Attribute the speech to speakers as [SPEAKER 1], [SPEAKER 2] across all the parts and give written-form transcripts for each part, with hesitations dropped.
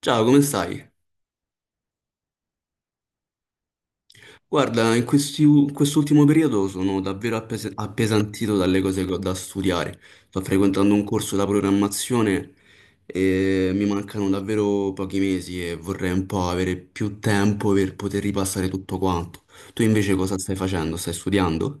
[SPEAKER 1] Ciao, come stai? Guarda, in quest'ultimo periodo sono davvero appesantito dalle cose che ho da studiare. Sto frequentando un corso da programmazione e mi mancano davvero pochi mesi e vorrei un po' avere più tempo per poter ripassare tutto quanto. Tu invece cosa stai facendo? Stai studiando?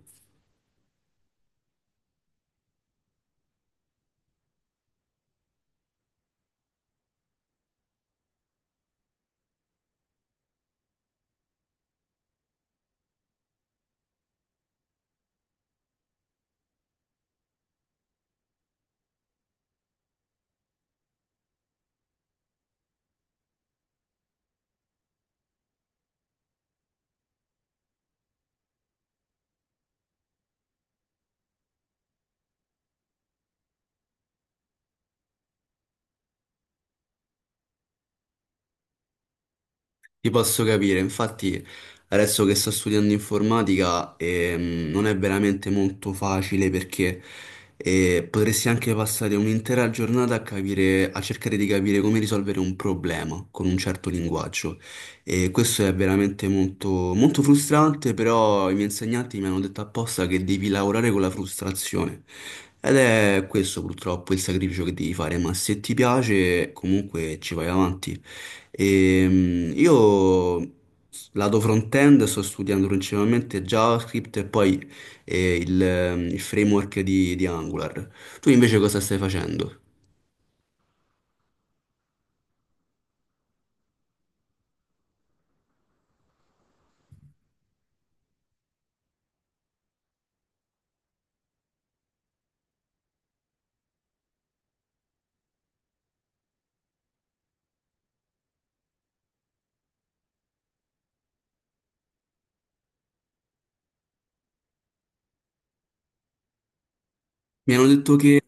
[SPEAKER 1] Ti posso capire, infatti adesso che sto studiando informatica non è veramente molto facile perché potresti anche passare un'intera giornata a capire, a cercare di capire come risolvere un problema con un certo linguaggio e questo è veramente molto, molto frustrante, però i miei insegnanti mi hanno detto apposta che devi lavorare con la frustrazione. Ed è questo purtroppo il sacrificio che devi fare, ma se ti piace comunque ci vai avanti. Io lato front-end sto studiando principalmente JavaScript e poi il framework di Angular. Tu invece cosa stai facendo? Mi hanno detto che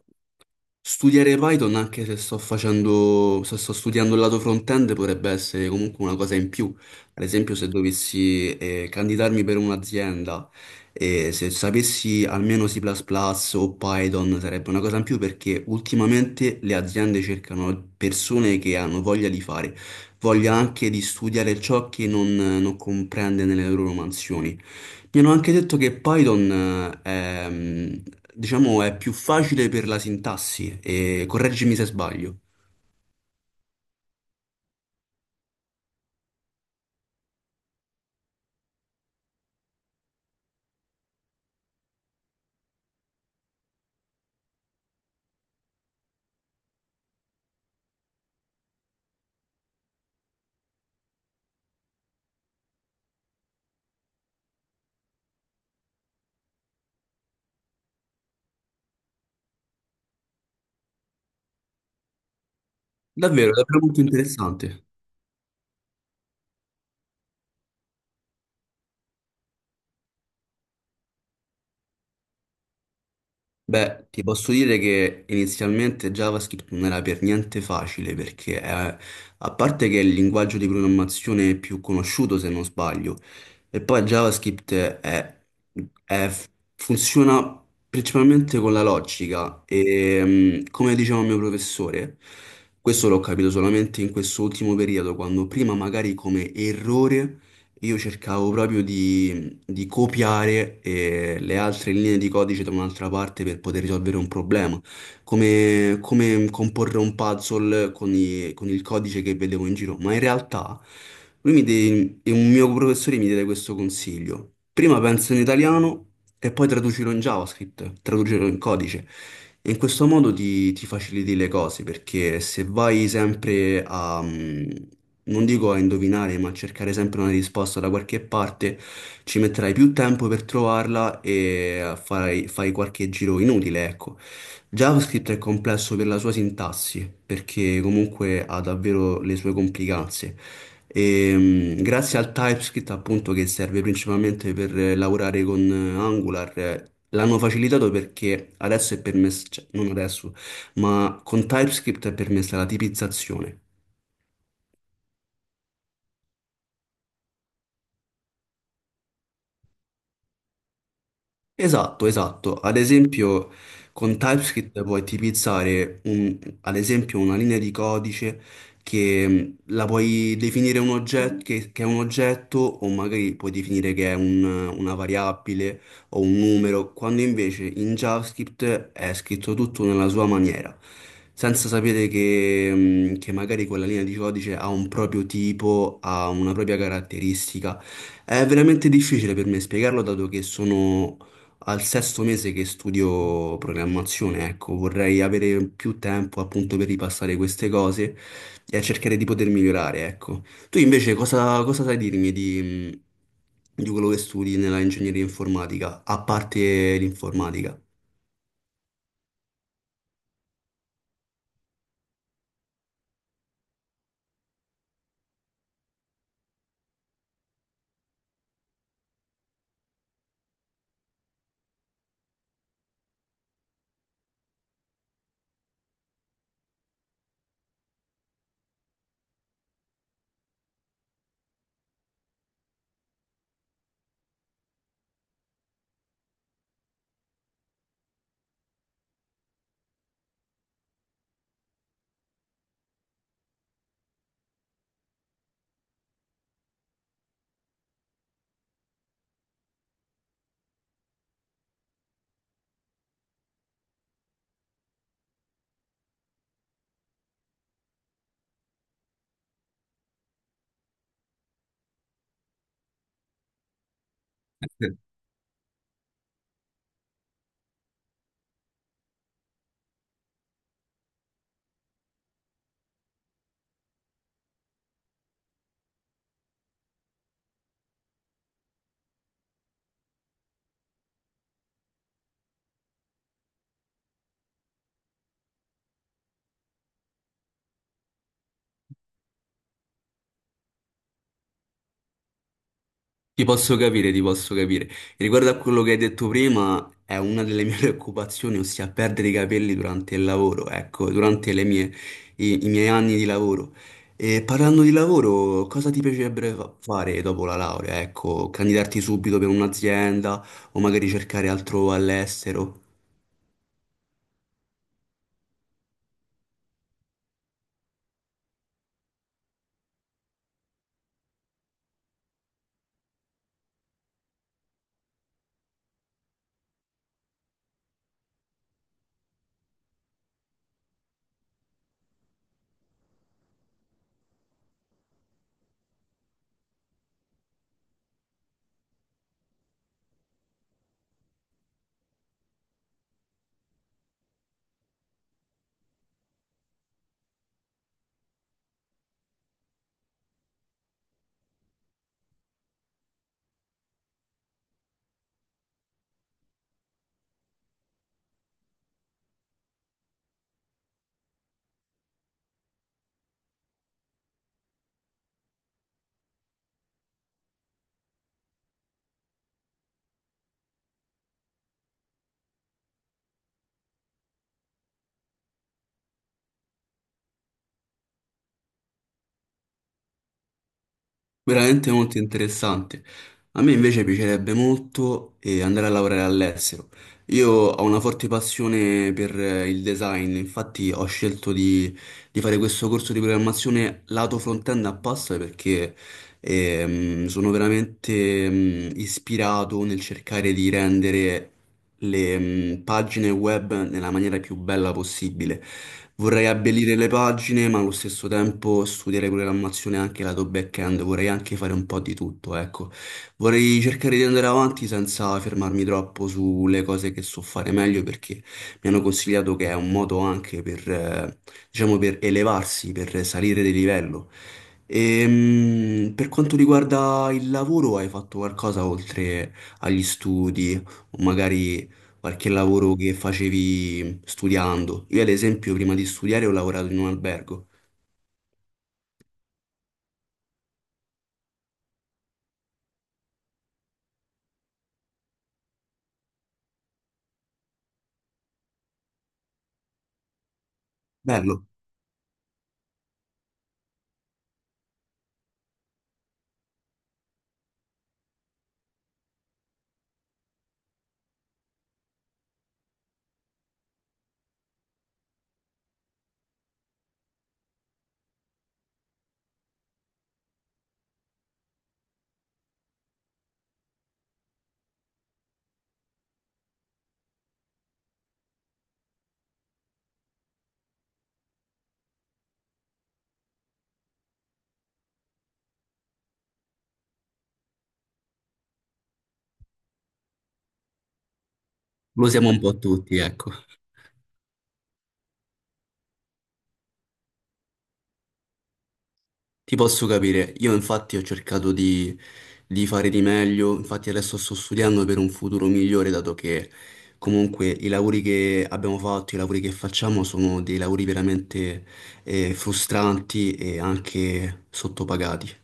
[SPEAKER 1] studiare Python anche se sto facendo, se sto studiando il lato front-end potrebbe essere comunque una cosa in più. Ad esempio, se dovessi candidarmi per un'azienda e se sapessi almeno C++ plus plus o Python sarebbe una cosa in più perché ultimamente le aziende cercano persone che hanno voglia di fare, voglia anche di studiare ciò che non, non comprende nelle loro mansioni. Mi hanno anche detto che Python è, diciamo, è più facile per la sintassi, e correggimi se sbaglio. Davvero, davvero molto interessante. Beh, ti posso dire che inizialmente JavaScript non era per niente facile perché, a parte che è il linguaggio di programmazione più conosciuto, se non sbaglio, e poi è- funziona principalmente con la logica e, come diceva il mio professore, questo l'ho capito solamente in questo ultimo periodo, quando prima magari come errore io cercavo proprio di copiare le altre linee di codice da un'altra parte per poter risolvere un problema, come, come comporre un puzzle con, con il codice che vedevo in giro. Ma in realtà e un mio professore mi diede questo consiglio. Prima penso in italiano e poi traducilo in JavaScript, traducilo in codice. E in questo modo ti faciliti le cose, perché se vai sempre a, non dico a indovinare, ma a cercare sempre una risposta da qualche parte, ci metterai più tempo per trovarla e farai, fai qualche giro inutile, ecco. JavaScript è complesso per la sua sintassi, perché comunque ha davvero le sue complicanze. E, grazie al TypeScript, appunto, che serve principalmente per lavorare con Angular, l'hanno facilitato perché adesso è permesso, cioè, non adesso, ma con TypeScript è permessa la tipizzazione. Esatto, esatto. Ad esempio, con TypeScript puoi tipizzare, ad esempio, una linea di codice che la puoi definire un oggetto, che è un oggetto o magari puoi definire che è una variabile o un numero, quando invece in JavaScript è scritto tutto nella sua maniera, senza sapere che magari quella linea di codice ha un proprio tipo, ha una propria caratteristica. È veramente difficile per me spiegarlo, dato che sono al sesto mese che studio programmazione, ecco, vorrei avere più tempo appunto per ripassare queste cose e cercare di poter migliorare, ecco. Tu invece cosa sai dirmi di quello che studi nella ingegneria informatica, a parte l'informatica? Ti posso capire, ti posso capire. Riguardo a quello che hai detto prima, è una delle mie preoccupazioni, ossia perdere i capelli durante il lavoro, ecco, i, i miei anni di lavoro. E parlando di lavoro, cosa ti piacerebbe fare dopo la laurea? Ecco, candidarti subito per un'azienda o magari cercare altro all'estero? Veramente molto interessante. A me invece piacerebbe molto andare a lavorare all'estero. Io ho una forte passione per il design, infatti ho scelto di fare questo corso di programmazione lato front-end apposta perché sono veramente ispirato nel cercare di rendere le pagine web nella maniera più bella possibile. Vorrei abbellire le pagine, ma allo stesso tempo studiare programmazione anche lato back-end, vorrei anche fare un po' di tutto, ecco. Vorrei cercare di andare avanti senza fermarmi troppo sulle cose che so fare meglio, perché mi hanno consigliato che è un modo anche per, diciamo, per elevarsi, per salire di livello. E, per quanto riguarda il lavoro, hai fatto qualcosa oltre agli studi, o magari qualche lavoro che facevi studiando. Io, ad esempio, prima di studiare ho lavorato in un albergo. Bello, lo siamo un po' tutti, ecco. Ti posso capire. Io, infatti, ho cercato di fare di meglio. Infatti, adesso sto studiando per un futuro migliore, dato che comunque i lavori che abbiamo fatto, i lavori che facciamo sono dei lavori veramente frustranti e anche sottopagati.